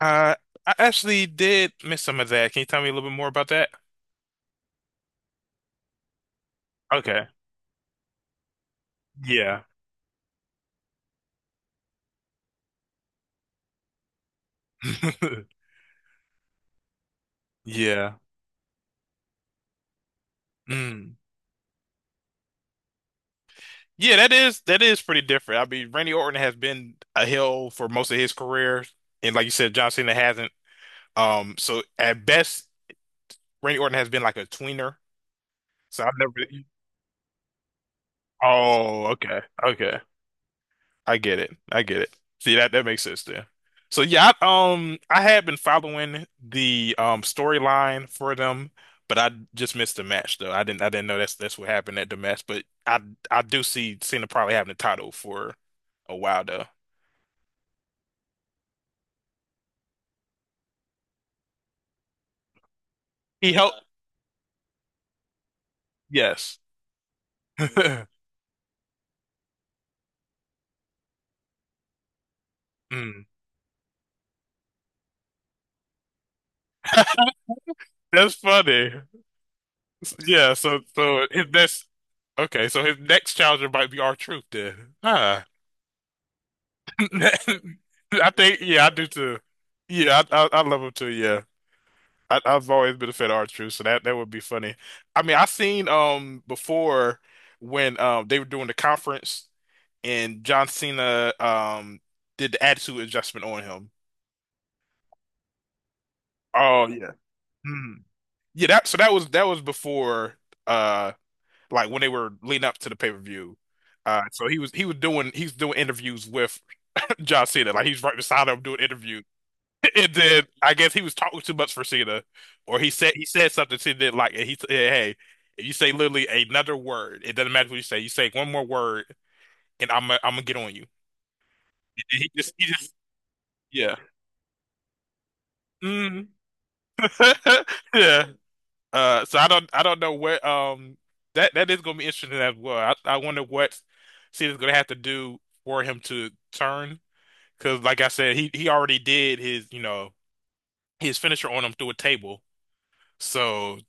Uh, I actually did miss some of that. Can you tell me a little bit more about that? Okay. Yeah. Yeah. Mm. Yeah, that is pretty different. I mean, Randy Orton has been a heel for most of his career, and like you said, John Cena hasn't. So at best, Randy Orton has been like a tweener. So I've never. Oh, okay. I get it. I get it. See that makes sense there. So yeah, I had been following the storyline for them, but I just missed the match though. I didn't know that's what happened at the match. But I do see Cena probably having the title for a while though. He helped. Yes. Mm. That's funny. Yeah. So so his next okay. So his next challenger might be our truth then. Huh. I think, yeah, I do too. Yeah, I love him too. Yeah, I've always been a fan of R-Truth, so that would be funny. I mean, I seen before when they were doing the conference and John Cena did the attitude adjustment on him. Oh yeah. Mhm. Yeah, that was before uh like when they were leading up to the pay-per-view. He's doing interviews with John Cena. Like he's right beside him doing interviews. And then I guess he was talking too much for Cena, or he said something Cena didn't like, and he said, "Hey, if you say literally another word, it doesn't matter what you say. You say one more word, and I'm gonna get on you." And he just yeah mm. yeah. So I don't know what that is gonna be interesting as well. I wonder what Cena's gonna have to do for him to turn, because like I said, he already did his his finisher on him through a table. So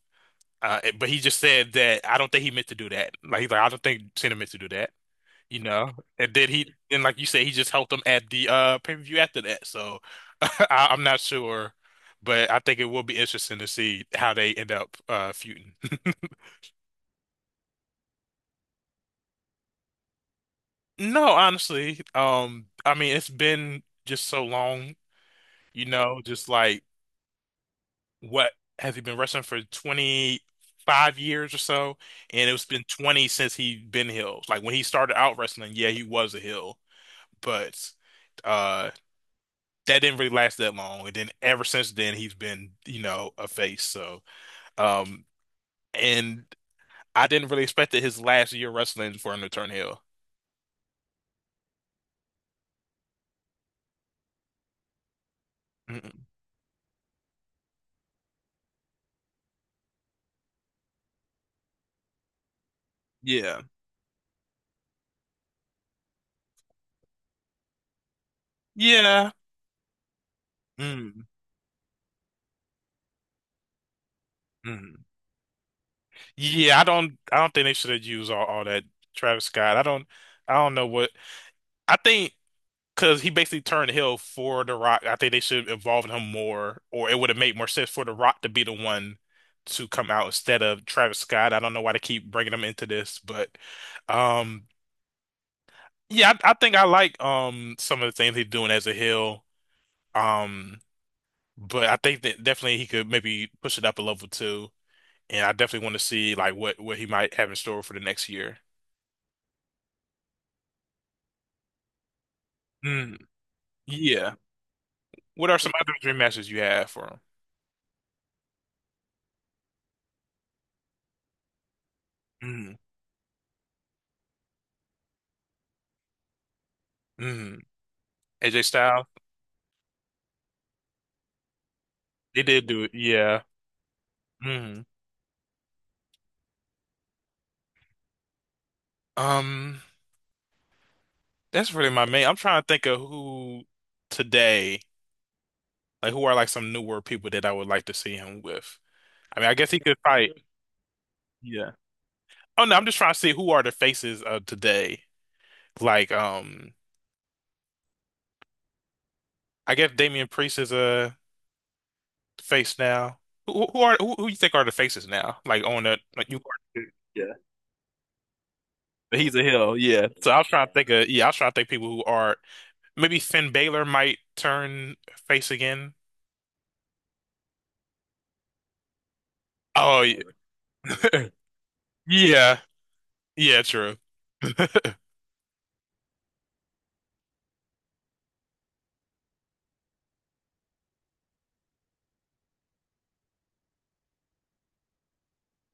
But he just said that I don't think he meant to do that. Like he's like, I don't think Cena meant to do that, you know. And then he, and like you said, he just helped him at the pay-per-view after that. So I'm not sure, but I think it will be interesting to see how they end up feuding. No, honestly, I mean, it's been just so long, you know, just like what has he been wrestling for 25 years or so? And it's been 20 since he been heels. Like when he started out wrestling, yeah, he was a heel. But uh that didn't really last that long. And then ever since then he's been, you know, a face. So um and I didn't really expect that his last year wrestling for him to turn heel. Mm-mm. Yeah. Yeah. Mm. Mm. Yeah, I don't think they should have used all that Travis Scott. I don't know what I think, because he basically turned Hill for The Rock. I think they should involve him more, or it would have made more sense for The Rock to be the one to come out instead of Travis Scott. I don't know why they keep bringing him into this, but um, yeah, I think I like some of the things he's doing as a Hill. Um, but I think that definitely he could maybe push it up a level too, and I definitely want to see like what he might have in store for the next year. Mm, yeah. What are some other dream matches you have for him? Mm, mm. AJ Styles. They did do it. Yeah. hmm Um, that's really my main. I'm trying to think of who today, like who are like some newer people that I would like to see him with. I mean, I guess he could fight. Yeah. Oh no, I'm just trying to see who are the faces of today. Like, I guess Damian Priest is a face now. Who you think are the faces now? Like on the like you. Yeah. He's a heel. Yeah. I was trying to think people who are maybe Finn Balor might turn face again. Oh, Yeah, yeah, true.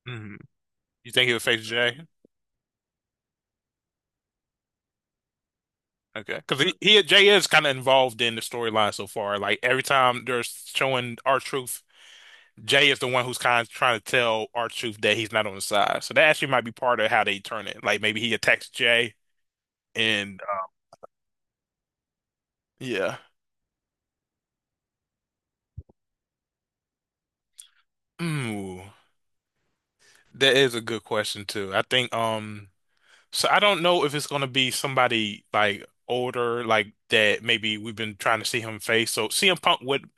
Mhm. You think he'll face Jay? Okay, because he Jay is kind of involved in the storyline so far. Like every time they're showing R-Truth, Jay is the one who's kind of trying to tell R-Truth that he's not on his side. So that actually might be part of how they turn it. Like maybe he attacks Jay, and yeah, Ooh, that is a good question too. I think So I don't know if it's gonna be somebody like older, like that maybe we've been trying to see him face. So CM Punk would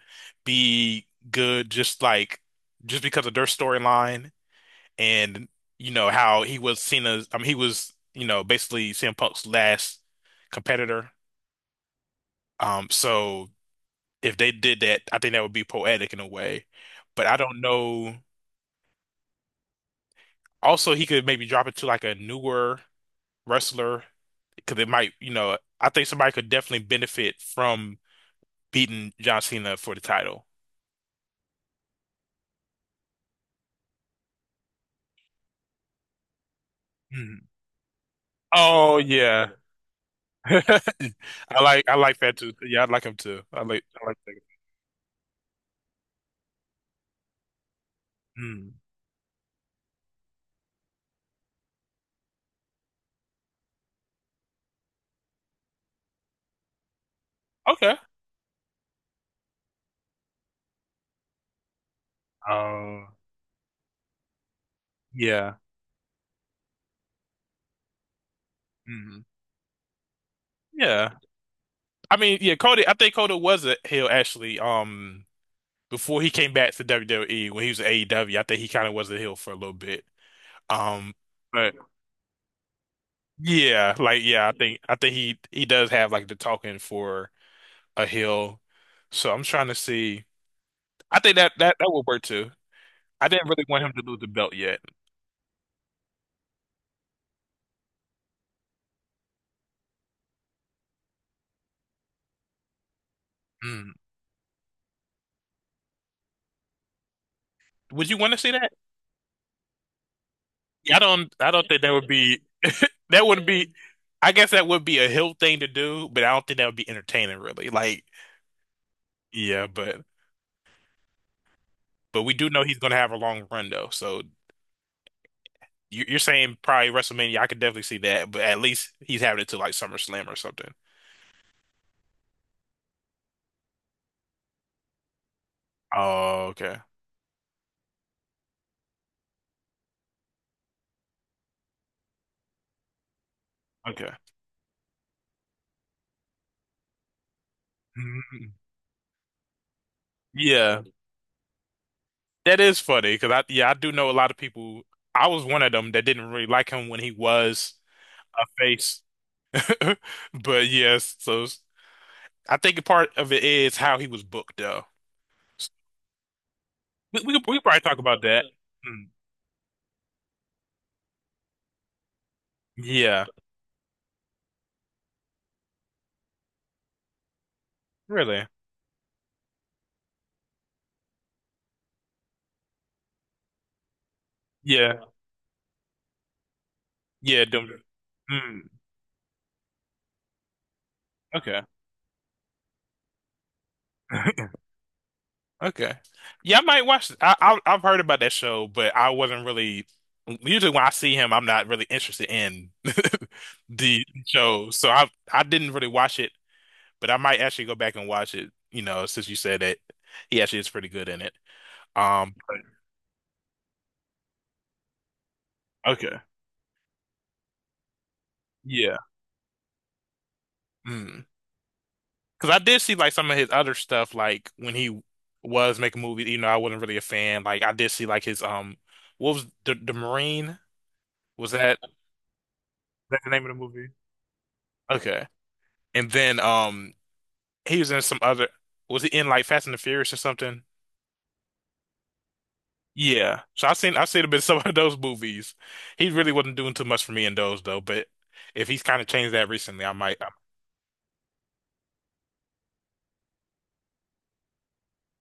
be good just because of their storyline and you know how he was Cena's I mean he was, you know, basically CM Punk's last competitor. So if they did that, I think that would be poetic in a way. But I don't know. Also he could maybe drop it to like a newer wrestler because it might, you know, I think somebody could definitely benefit from beating John Cena for the title. Mhm. Oh yeah, I like that too. Yeah, I like him too. I like that. Mm. Okay. Oh yeah. Mm. Yeah. I mean, yeah, Cody. I think Cody was a heel actually. Before he came back to WWE when he was at AEW, I think he kind of was a heel for a little bit. Um, but yeah, like yeah, I think he does have like the talking for a hill. So I'm trying to see. I think that would work too. I didn't really want him to lose the belt yet. Mm. Would you want to see that? Yeah, I don't think that would be that would be I guess that would be a hill thing to do, but I don't think that would be entertaining really. Like yeah, but we do know he's gonna have a long run though. So you, you're saying probably WrestleMania. I could definitely see that, but at least he's having it to like SummerSlam or something. Oh, okay. Okay. Yeah, that is funny because I do know a lot of people. I was one of them that didn't really like him when he was a face. But yes, I think a part of it is how he was booked though. S- We we could probably talk about that. Mm. Yeah, really. Yeah, yeah. Doom. Mm. Okay. Okay. Yeah, I might watch. It. I've heard about that show, but I wasn't really. Usually, when I see him, I'm not really interested in the show, so I didn't really watch it. But I might actually go back and watch it. You know, since you said that he actually is pretty good in it. Um. but- Okay. Yeah. Mm. Because I did see like some of his other stuff, like when he was making movies. You know, I wasn't really a fan. Like I did see like his what was the Marine? Was that the name of the movie? Okay. And then he was in some other was he in like Fast and the Furious or something? Yeah. So I've seen a bit of some of those movies. He really wasn't doing too much for me in those though, but if he's kind of changed that recently,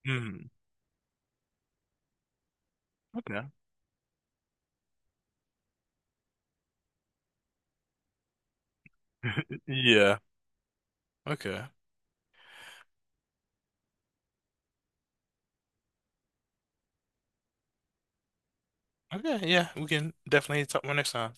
mm, okay. Yeah. Okay. Okay, yeah, we can definitely talk more next time.